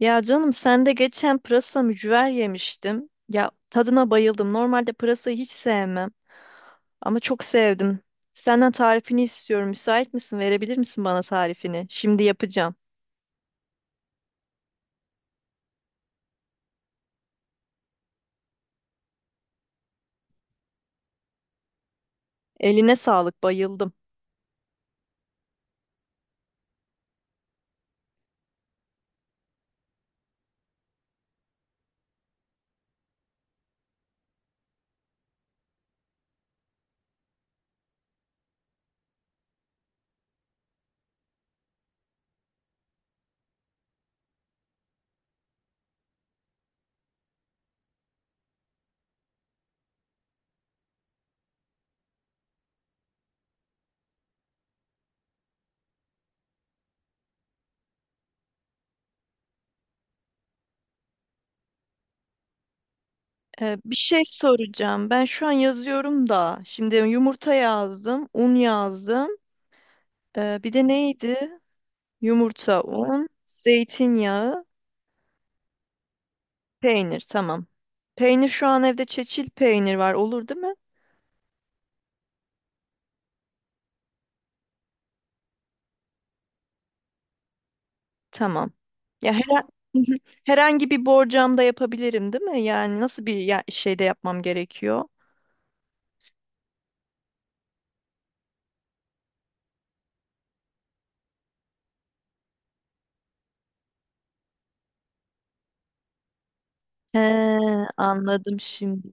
Ya canım sen de geçen pırasa mücver yemiştim. Ya tadına bayıldım. Normalde pırasayı hiç sevmem ama çok sevdim. Senden tarifini istiyorum. Müsait misin? Verebilir misin bana tarifini? Şimdi yapacağım. Eline sağlık, bayıldım. Bir şey soracağım. Ben şu an yazıyorum da. Şimdi yumurta yazdım, un yazdım. Bir de neydi? Yumurta, un, zeytinyağı, peynir. Tamam. Peynir şu an evde çeçil peynir var. Olur değil mi? Tamam. Ya her herhangi bir borcamda yapabilirim, değil mi? Yani nasıl bir şeyde yapmam gerekiyor? He, anladım şimdi.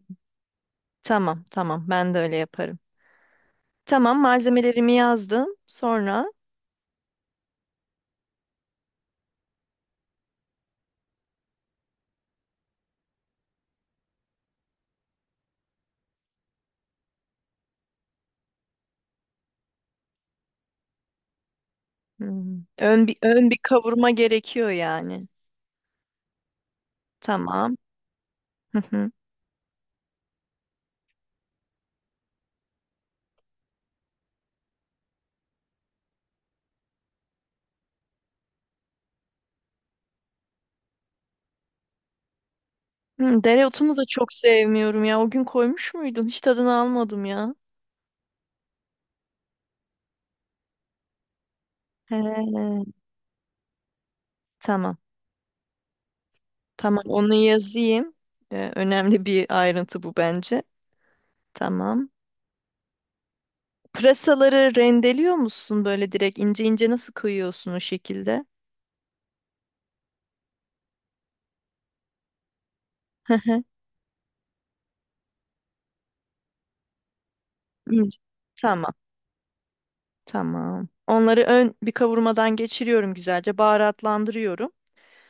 Tamam, tamam. Ben de öyle yaparım. Tamam, malzemelerimi yazdım. Sonra hmm, ön bir kavurma gerekiyor yani. Tamam. Hı hı. Hmm, dereotunu da çok sevmiyorum ya. O gün koymuş muydun? Hiç tadını almadım ya. He, tamam. Tamam, onu yazayım. Önemli bir ayrıntı bu bence. Tamam. Pırasaları rendeliyor musun böyle direkt ince ince nasıl koyuyorsun o şekilde? Hı hı, ince. Tamam, tamam. Onları ön bir kavurmadan geçiriyorum güzelce, baharatlandırıyorum.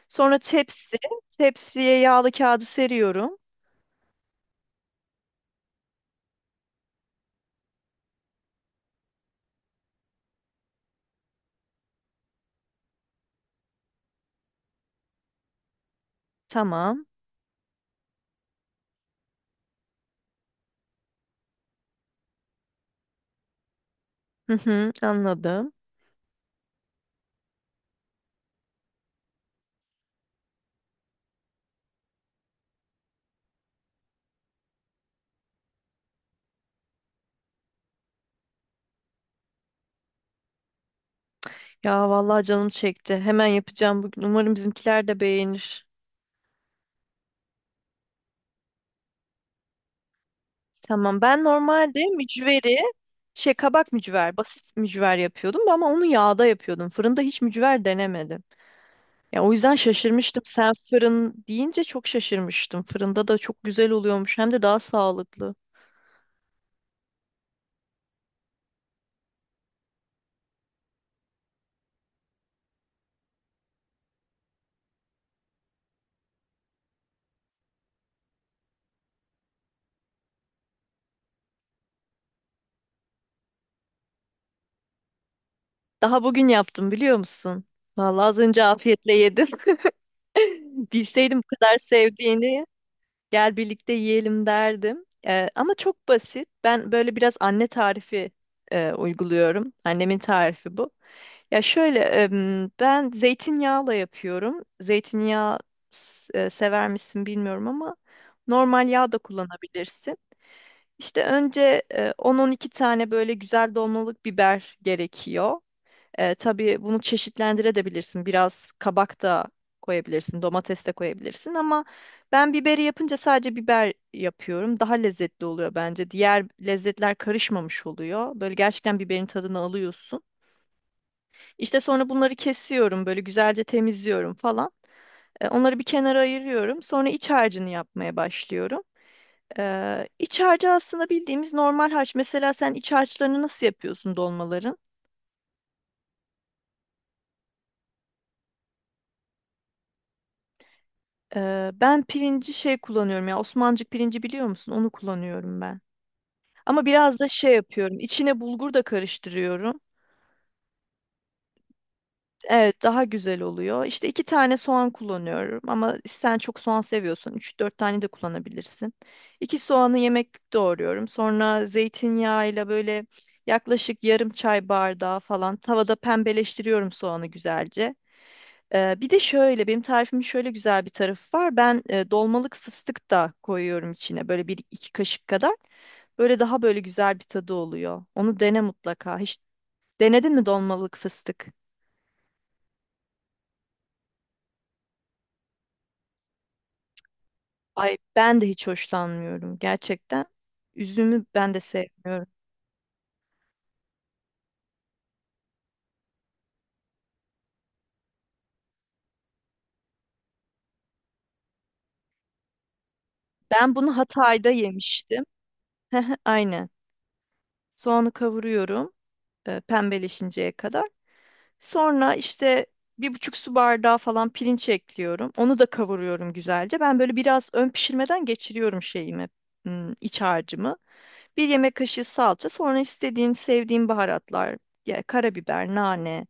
Sonra tepsiye yağlı kağıdı seriyorum. Tamam. Hı hı, anladım. Ya vallahi canım çekti. Hemen yapacağım bugün. Umarım bizimkiler de beğenir. Tamam. Ben normalde mücveri şey kabak mücver, basit mücver yapıyordum ama onu yağda yapıyordum. Fırında hiç mücver denemedim. Ya o yüzden şaşırmıştım. Sen fırın deyince çok şaşırmıştım. Fırında da çok güzel oluyormuş. Hem de daha sağlıklı. Daha bugün yaptım biliyor musun? Vallahi az önce afiyetle yedim. Bilseydim bu kadar sevdiğini gel birlikte yiyelim derdim. Ama çok basit. Ben böyle biraz anne tarifi uyguluyorum. Annemin tarifi bu. Ya şöyle ben zeytinyağla yapıyorum. Zeytinyağı sever misin bilmiyorum ama normal yağ da kullanabilirsin. İşte önce 10-12 tane böyle güzel dolmalık biber gerekiyor. E, tabii bunu çeşitlendirebilirsin. Biraz kabak da koyabilirsin, domates de koyabilirsin ama ben biberi yapınca sadece biber yapıyorum. Daha lezzetli oluyor bence. Diğer lezzetler karışmamış oluyor. Böyle gerçekten biberin tadını alıyorsun. İşte sonra bunları kesiyorum, böyle güzelce temizliyorum falan. E, onları bir kenara ayırıyorum. Sonra iç harcını yapmaya başlıyorum. İç harcı aslında bildiğimiz normal harç. Mesela sen iç harçlarını nasıl yapıyorsun dolmaların? Ben pirinci şey kullanıyorum ya Osmancık pirinci biliyor musun? Onu kullanıyorum ben. Ama biraz da şey yapıyorum. İçine bulgur da karıştırıyorum. Evet daha güzel oluyor. İşte iki tane soğan kullanıyorum ama sen çok soğan seviyorsan üç dört tane de kullanabilirsin. İki soğanı yemeklik doğruyorum. Sonra zeytinyağıyla böyle yaklaşık yarım çay bardağı falan tavada pembeleştiriyorum soğanı güzelce. Bir de şöyle benim tarifimin şöyle güzel bir tarafı var. Ben dolmalık fıstık da koyuyorum içine böyle bir iki kaşık kadar. Böyle daha böyle güzel bir tadı oluyor. Onu dene mutlaka. Hiç denedin mi dolmalık fıstık? Ay ben de hiç hoşlanmıyorum gerçekten. Üzümü ben de sevmiyorum. Ben bunu Hatay'da yemiştim. Aynen. Soğanı kavuruyorum pembeleşinceye kadar. Sonra işte bir buçuk su bardağı falan pirinç ekliyorum. Onu da kavuruyorum güzelce. Ben böyle biraz ön pişirmeden geçiriyorum şeyimi, hmm, iç harcımı. Bir yemek kaşığı salça. Sonra istediğin, sevdiğin baharatlar. Ya, karabiber, nane.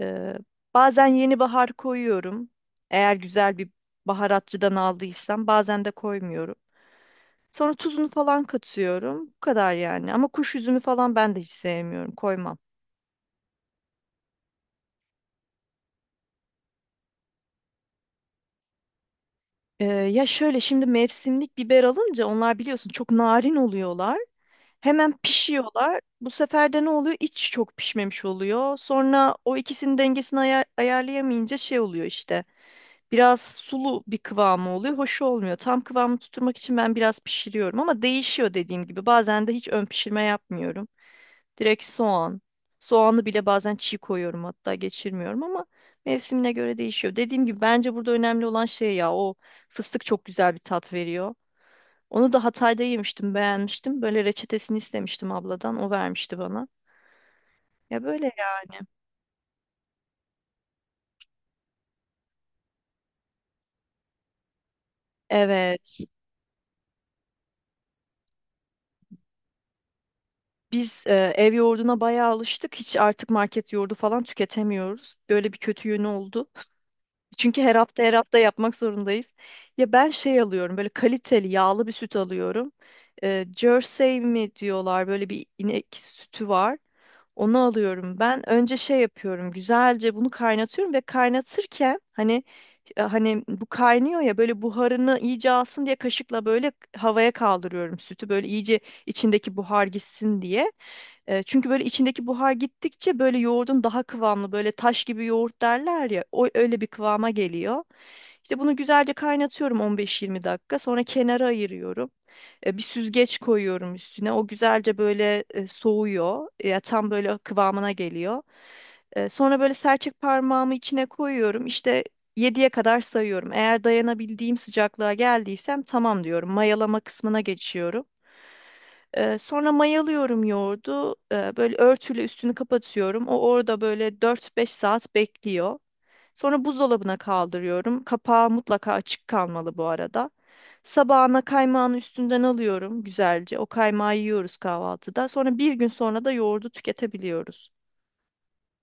e, Bazen yeni bahar koyuyorum. Eğer güzel bir baharatçıdan aldıysam. Bazen de koymuyorum. Sonra tuzunu falan katıyorum. Bu kadar yani. Ama kuş üzümü falan ben de hiç sevmiyorum. Koymam. Ya şöyle şimdi mevsimlik biber alınca onlar biliyorsun çok narin oluyorlar. Hemen pişiyorlar. Bu sefer de ne oluyor? İç çok pişmemiş oluyor. Sonra o ikisinin dengesini ayarlayamayınca şey oluyor işte. Biraz sulu bir kıvamı oluyor. Hoş olmuyor. Tam kıvamı tutturmak için ben biraz pişiriyorum ama değişiyor dediğim gibi. Bazen de hiç ön pişirme yapmıyorum. Direkt soğan. Soğanı bile bazen çiğ koyuyorum hatta geçirmiyorum ama mevsimine göre değişiyor. Dediğim gibi bence burada önemli olan şey ya o fıstık çok güzel bir tat veriyor. Onu da Hatay'da yemiştim, beğenmiştim. Böyle reçetesini istemiştim abladan. O vermişti bana. Ya böyle ya. Evet. Biz ev yoğurduna bayağı alıştık. Hiç artık market yoğurdu falan tüketemiyoruz. Böyle bir kötü yönü oldu. Çünkü her hafta her hafta yapmak zorundayız. Ya ben şey alıyorum böyle kaliteli yağlı bir süt alıyorum. Jersey mi diyorlar böyle bir inek sütü var. Onu alıyorum. Ben önce şey yapıyorum. Güzelce bunu kaynatıyorum ve kaynatırken hani bu kaynıyor ya böyle buharını iyice alsın diye kaşıkla böyle havaya kaldırıyorum sütü. Böyle iyice içindeki buhar gitsin diye. E, çünkü böyle içindeki buhar gittikçe böyle yoğurdun daha kıvamlı böyle taş gibi yoğurt derler ya o öyle bir kıvama geliyor. İşte bunu güzelce kaynatıyorum 15-20 dakika sonra kenara ayırıyorum. Bir süzgeç koyuyorum üstüne o güzelce böyle soğuyor ya tam böyle kıvamına geliyor. E, sonra böyle serçek parmağımı içine koyuyorum işte yediye kadar sayıyorum. Eğer dayanabildiğim sıcaklığa geldiysem tamam diyorum mayalama kısmına geçiyorum. Sonra mayalıyorum yoğurdu. Böyle örtüyle üstünü kapatıyorum. O orada böyle 4 5 saat bekliyor. Sonra buzdolabına kaldırıyorum. Kapağı mutlaka açık kalmalı bu arada. Sabahına kaymağını üstünden alıyorum güzelce. O kaymağı yiyoruz kahvaltıda. Sonra bir gün sonra da yoğurdu tüketebiliyoruz.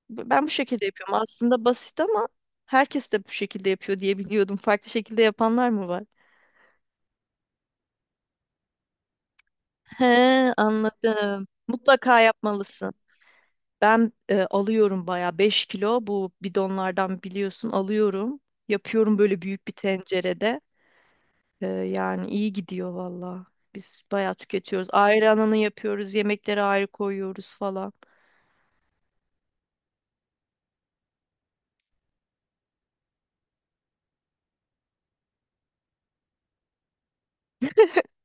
Ben bu şekilde yapıyorum. Aslında basit ama herkes de bu şekilde yapıyor diye biliyordum. Farklı şekilde yapanlar mı var? He, anladım. Mutlaka yapmalısın. Ben alıyorum bayağı 5 kilo bu bidonlardan biliyorsun alıyorum. Yapıyorum böyle büyük bir tencerede. Yani iyi gidiyor valla. Biz bayağı tüketiyoruz. Ayrı ananı yapıyoruz, yemekleri ayrı koyuyoruz falan.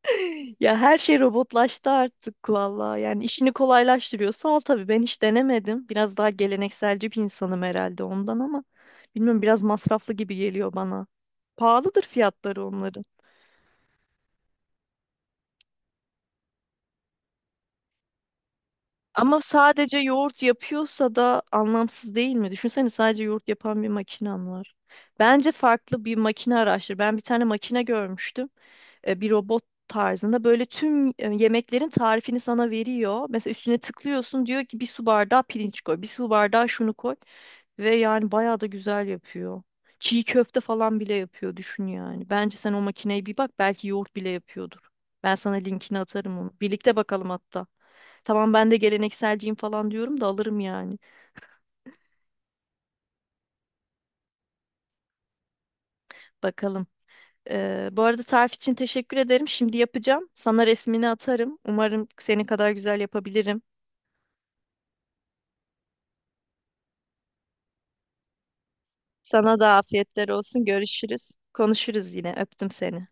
Ya her şey robotlaştı artık valla. Yani işini kolaylaştırıyor. Sağ ol tabii ben hiç denemedim. Biraz daha gelenekselci bir insanım herhalde ondan ama bilmiyorum biraz masraflı gibi geliyor bana. Pahalıdır fiyatları onların. Ama sadece yoğurt yapıyorsa da anlamsız değil mi? Düşünsene sadece yoğurt yapan bir makinen var. Bence farklı bir makine araştır. Ben bir tane makine görmüştüm. E, bir robot tarzında böyle tüm yemeklerin tarifini sana veriyor. Mesela üstüne tıklıyorsun diyor ki bir su bardağı pirinç koy, bir su bardağı şunu koy ve yani bayağı da güzel yapıyor. Çiğ köfte falan bile yapıyor düşün yani. Bence sen o makineye bir bak belki yoğurt bile yapıyordur. Ben sana linkini atarım onu. Birlikte bakalım hatta. Tamam ben de gelenekselciyim falan diyorum da alırım yani. Bakalım. Bu arada tarif için teşekkür ederim. Şimdi yapacağım. Sana resmini atarım. Umarım senin kadar güzel yapabilirim. Sana da afiyetler olsun. Görüşürüz. Konuşuruz yine. Öptüm seni.